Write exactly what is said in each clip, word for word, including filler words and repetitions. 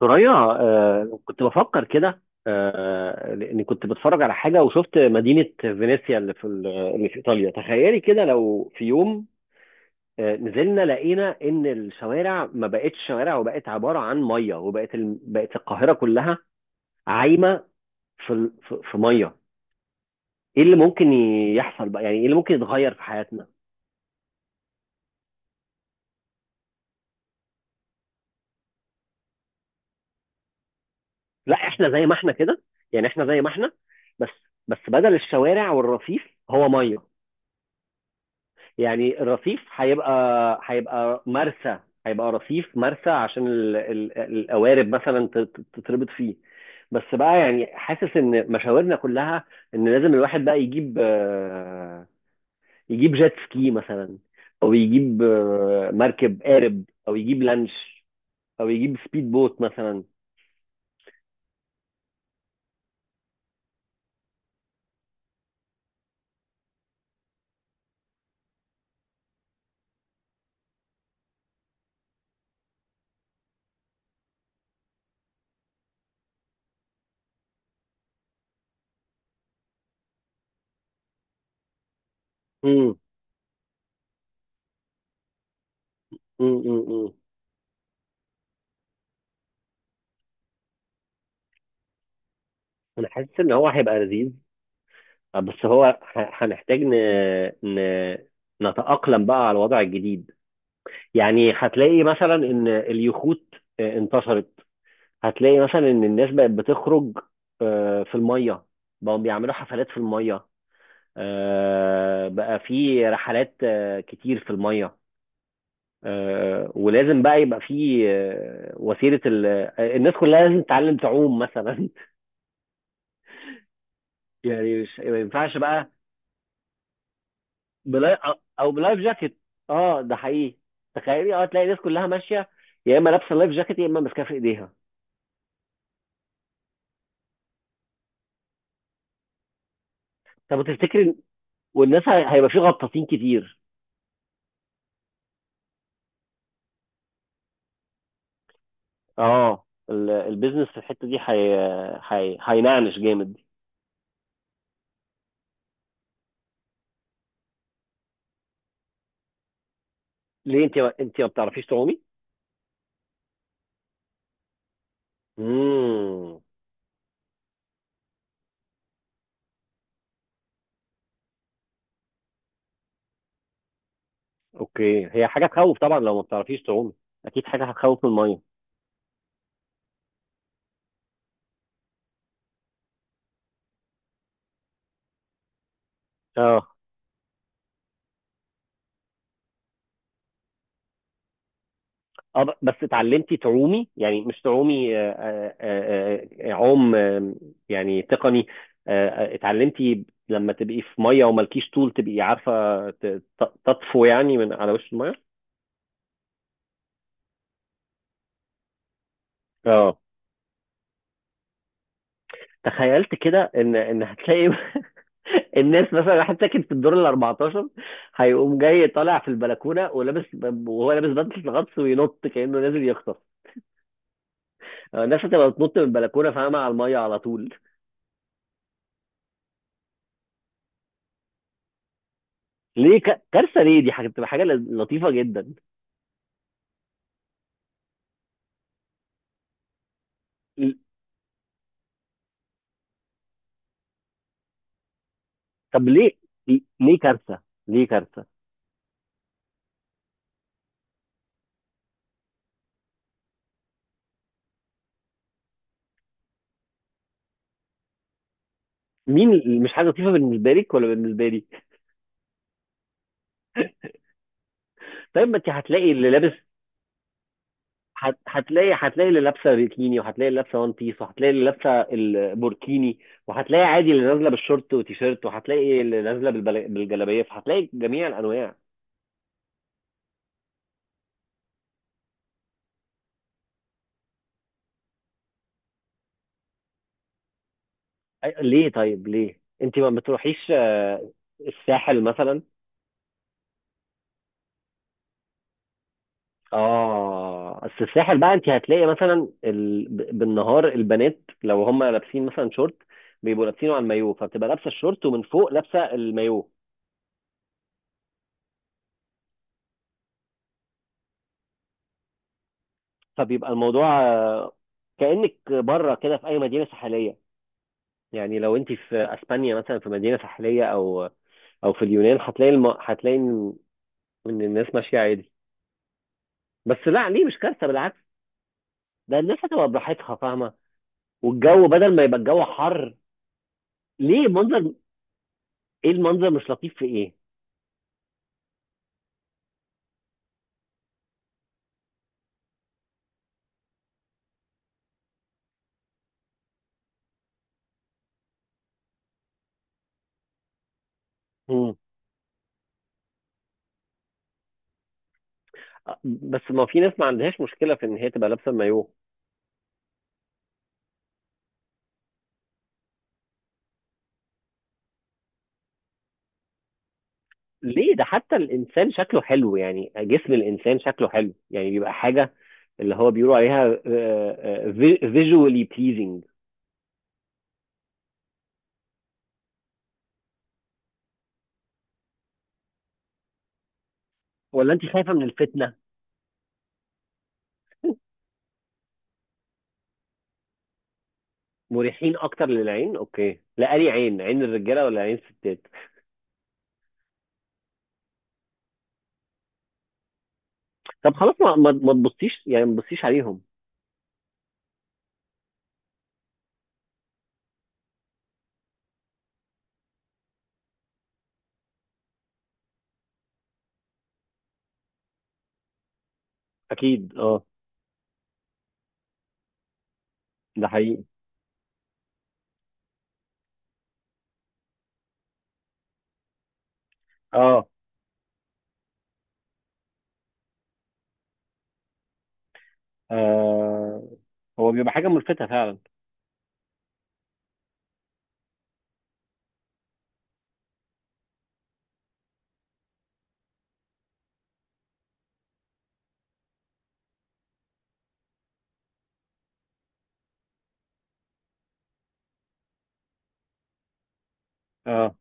ثريا، آه كنت بفكر كده، آه لاني كنت بتفرج على حاجه وشفت مدينه فينيسيا اللي في ال- اللي في ايطاليا. تخيلي كده لو في يوم آه نزلنا لقينا ان الشوارع ما بقتش شوارع وبقت عباره عن ميه، وبقت ال... بقت القاهره كلها عايمه في ال... في في ميه. ايه اللي ممكن ي- يحصل بقى؟ يعني ايه اللي ممكن يتغير في حياتنا؟ لا، احنا زي ما احنا كده. يعني احنا زي ما احنا. بس بس بدل الشوارع والرصيف هو ميه. يعني الرصيف هيبقى هيبقى مرسى. هيبقى رصيف مرسى عشان ال... ال... القوارب مثلا ت- ت- تتربط فيه. بس بقى يعني حاسس ان مشاورنا كلها، ان لازم الواحد بقى يجيب آه، يجيب جيت سكي مثلا. او يجيب آه، مركب قارب، او يجيب لانش، او يجيب سبيد بوت مثلا. امم. امم. امم. انا حاسس ان هو هيبقى لذيذ. بس هو ه- هنحتاج ن... ن... نتأقلم بقى على الوضع الجديد. يعني هتلاقي مثلا ان اليخوت آه، انتشرت. هتلاقي مثلا ان الناس بقت بتخرج آه، في الميه. بقوا بيعملوا حفلات في الميه. آه، بقى في رحلات آه، كتير في الميه. آه، ولازم بقى يبقى في آه، وسيله، ال... آه، الناس كلها لازم تتعلم تعوم مثلا. يعني مش، ما ينفعش بقى. بلا... او بلايف جاكيت. اه، ده حقيقي. تخيلي، اه تلاقي الناس كلها ماشيه، يا اما لابسه لايف جاكيت يا اما ماسكاه في ايديها. طب تفتكري، والناس هي- هيبقى في غطاسين كتير. اه، ال- البيزنس في الحته دي هي... هي... هينعنش جامد. ليه، انت انت ما بتعرفيش تعومي؟ امم. اوكي، هي حاجه تخوف طبعا لو ما بتعرفيش تعومي. اكيد حاجه هتخوف من الميه. اه، اه، ب- بس اتعلمتي تعومي، يعني مش تعومي، آه، آه، آه، آه، عوم، آه، يعني تقني. آه، آه، اتعلمتي لما تبقي في ميه ومالكيش طول تبقي عارفه ت- ت- تطفو يعني من على وش الميه. اه. تخيلت كده ان ان هتلاقي الناس، مثلا واحد ساكن في الدور ال اربعتاشر هيقوم جاي طالع في البلكونه ولابس، وهو لابس بدله الغطس وينط كانه نازل يغطس. الناس هتبقى بتنط من البلكونه، فاهمه، على الميه على طول. ليه ك... كارثه؟ ليه، دي حاجه بتبقى حاجه ل- لطيفه جدا. ل- طب ليه، ليه كارثه، ليه كارثه؟ مين مش حاجه لطيفه، بالنسبه لك ولا بالنسبه لي؟ طيب ما انت هتلاقي اللي لابس. هت- هتلاقي هتلاقي اللي لابسه بيكيني، وهتلاقي اللي لابسه وان بيس، وهتلاقي اللي لابسه البوركيني، وهتلاقي عادي اللي نازله بالشورت وتيشيرت، وهتلاقي اللي نازله بالبل- بالجلابيه، فهتلاقي جميع الانواع. أي- ليه، طيب ليه انت ما بتروحيش آه، الساحل مثلا؟ اه، بس الساحل بقى انت هتلاقي مثلا ال... ب- بالنهار البنات لو هم لابسين مثلا شورت، بيبقوا لابسينه على المايو، فبتبقى لابسه الشورت ومن فوق لابسه المايو. فبيبقى الموضوع آه، كأنك بره كده في اي مدينه ساحليه. يعني لو انت في اسبانيا مثلا في مدينه ساحليه، او او في اليونان، هتلاقي الم... هتلاقي ان إن الناس ماشيه عادي. بس لا، ليه مش كارثه، بالعكس. ده الناس هتبقى براحتها، فاهمه. والجو بدل ما يبقى الجو حر. ليه منظر؟ ايه المنظر مش لطيف، في ايه؟ مم. بس ما في ناس ما عندهاش مشكله في ان هي تبقى لابسه مايو. ليه؟ ده حتى الانسان شكله حلو، يعني جسم الانسان شكله حلو، يعني بيبقى حاجه اللي هو بيقولوا عليها فيجوالي بليزنج. ولا انت خايفه من الفتنه؟ مريحين اكتر للعين، اوكي، لا أنهي عين، عين الرجاله ولا عين الستات؟ طب خلاص، ما ما ما تبصيش، يعني ما تبصيش عليهم. اكيد، اه. ده حقيقي. اه. آه، هو بيبقى حاجه ملفته فعلا. اه.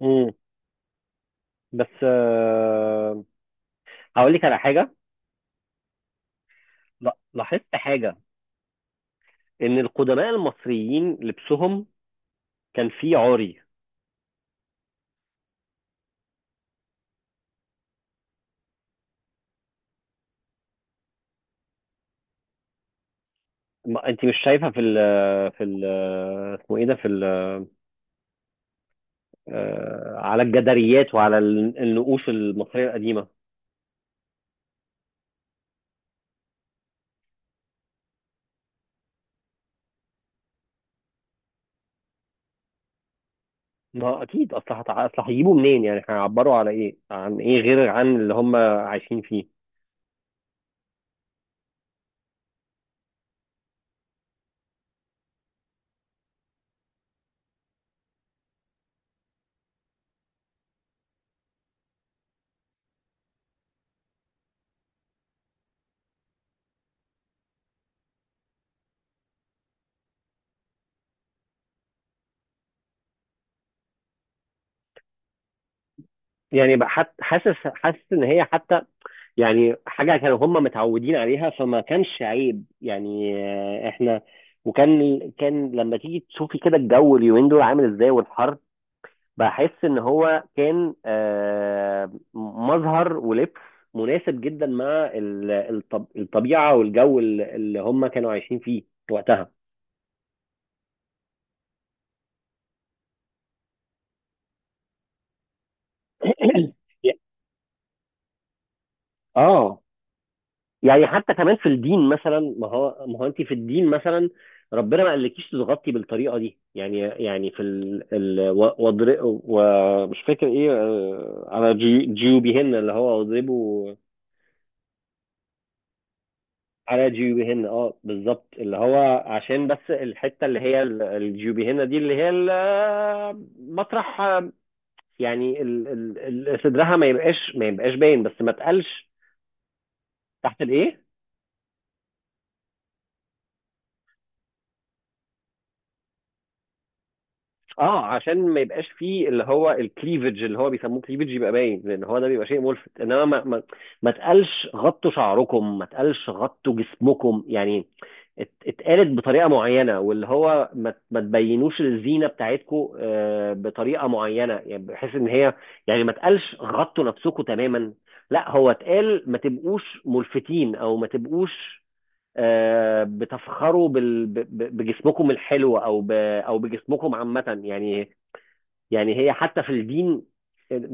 امم. بس آه هقول لك على حاجه. لا، لاحظت حاجه، ان القدماء المصريين لبسهم كان فيه عري. ما- انت مش شايفه في ال في ال اسمه ايه ده، في ال آه، على الجداريات وعلى ال- النقوش المصريه القديمه؟ ما اكيد، اصل هتع- اصل هيجيبوا منين؟ يعني هيعبروا على ايه، عن ايه، غير عن اللي هم عايشين فيه؟ يعني بقى حت- حاسس حاسس ان هي حتى، يعني حاجه كانوا هم متعودين عليها، فما كانش عيب يعني. آه، احنا، وكان كان لما تيجي تشوفي كده الجو اليومين دول عامل ازاي والحر، بحس ان هو كان آه، مظهر ولبس مناسب جدا مع ال- الطب- الطبيعه والجو اللي اللي هم كانوا عايشين فيه وقتها. اه. يعني حتى كمان في الدين مثلا، ما هو ما هو انت في الدين مثلا ربنا ما قالكيش تتغطي بالطريقه دي يعني. يعني في ال ال و- واضر- ومش فاكر ايه، آه، على جيو- جيوبهن، اللي هو واضربوا على جيوبهن. اه، بالظبط، اللي هو عشان بس الحته اللي هي ال- الجيوبهن دي، اللي هي ال- مطرح، آه، يعني ال- ال- ال- صدرها ما يبقاش ما يبقاش باين، بس ما تقلش. تحت الايه؟ اه، عشان ما يبقاش فيه اللي هو الكليفج اللي هو بيسموه كليفج يبقى باين، لان هو ده بيبقى شيء ملفت. انما ما, ما, ما تقلش غطوا شعركم، ما تقلش غطوا جسمكم يعني. ات- اتقالت بطريقه معينه، واللي هو ما, ت- ما تبينوش الزينه بتاعتكم بطريقه معينه، يعني بحيث ان هي، يعني ما تقلش غطوا نفسكم تماما. لا، هو اتقال ما تبقوش ملفتين، او ما تبقوش آه، بتفخروا بال... ب- ب- بجسمكم الحلو، او ب... او بجسمكم عامه يعني. يعني هي حتى في الدين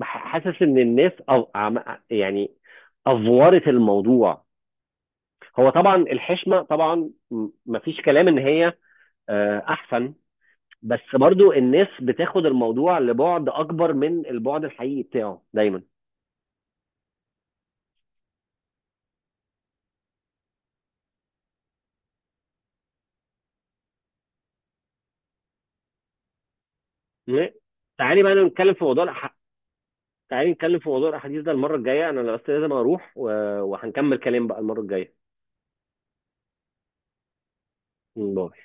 ح- حاسس ان الناس أو... عم- يعني افورت الموضوع. هو طبعا الحشمه طبعا، م- مفيش كلام ان هي آه، احسن. بس برضو الناس بتاخد الموضوع لبعد اكبر من البعد الحقيقي بتاعه دايما. م- تعالي بقى نتكلم في موضوع الأح... تعالي نتكلم في موضوع الاحاديث ده المره الجايه، انا بس لازم اروح و... وهنكمل كلام بقى المره الجايه، والله.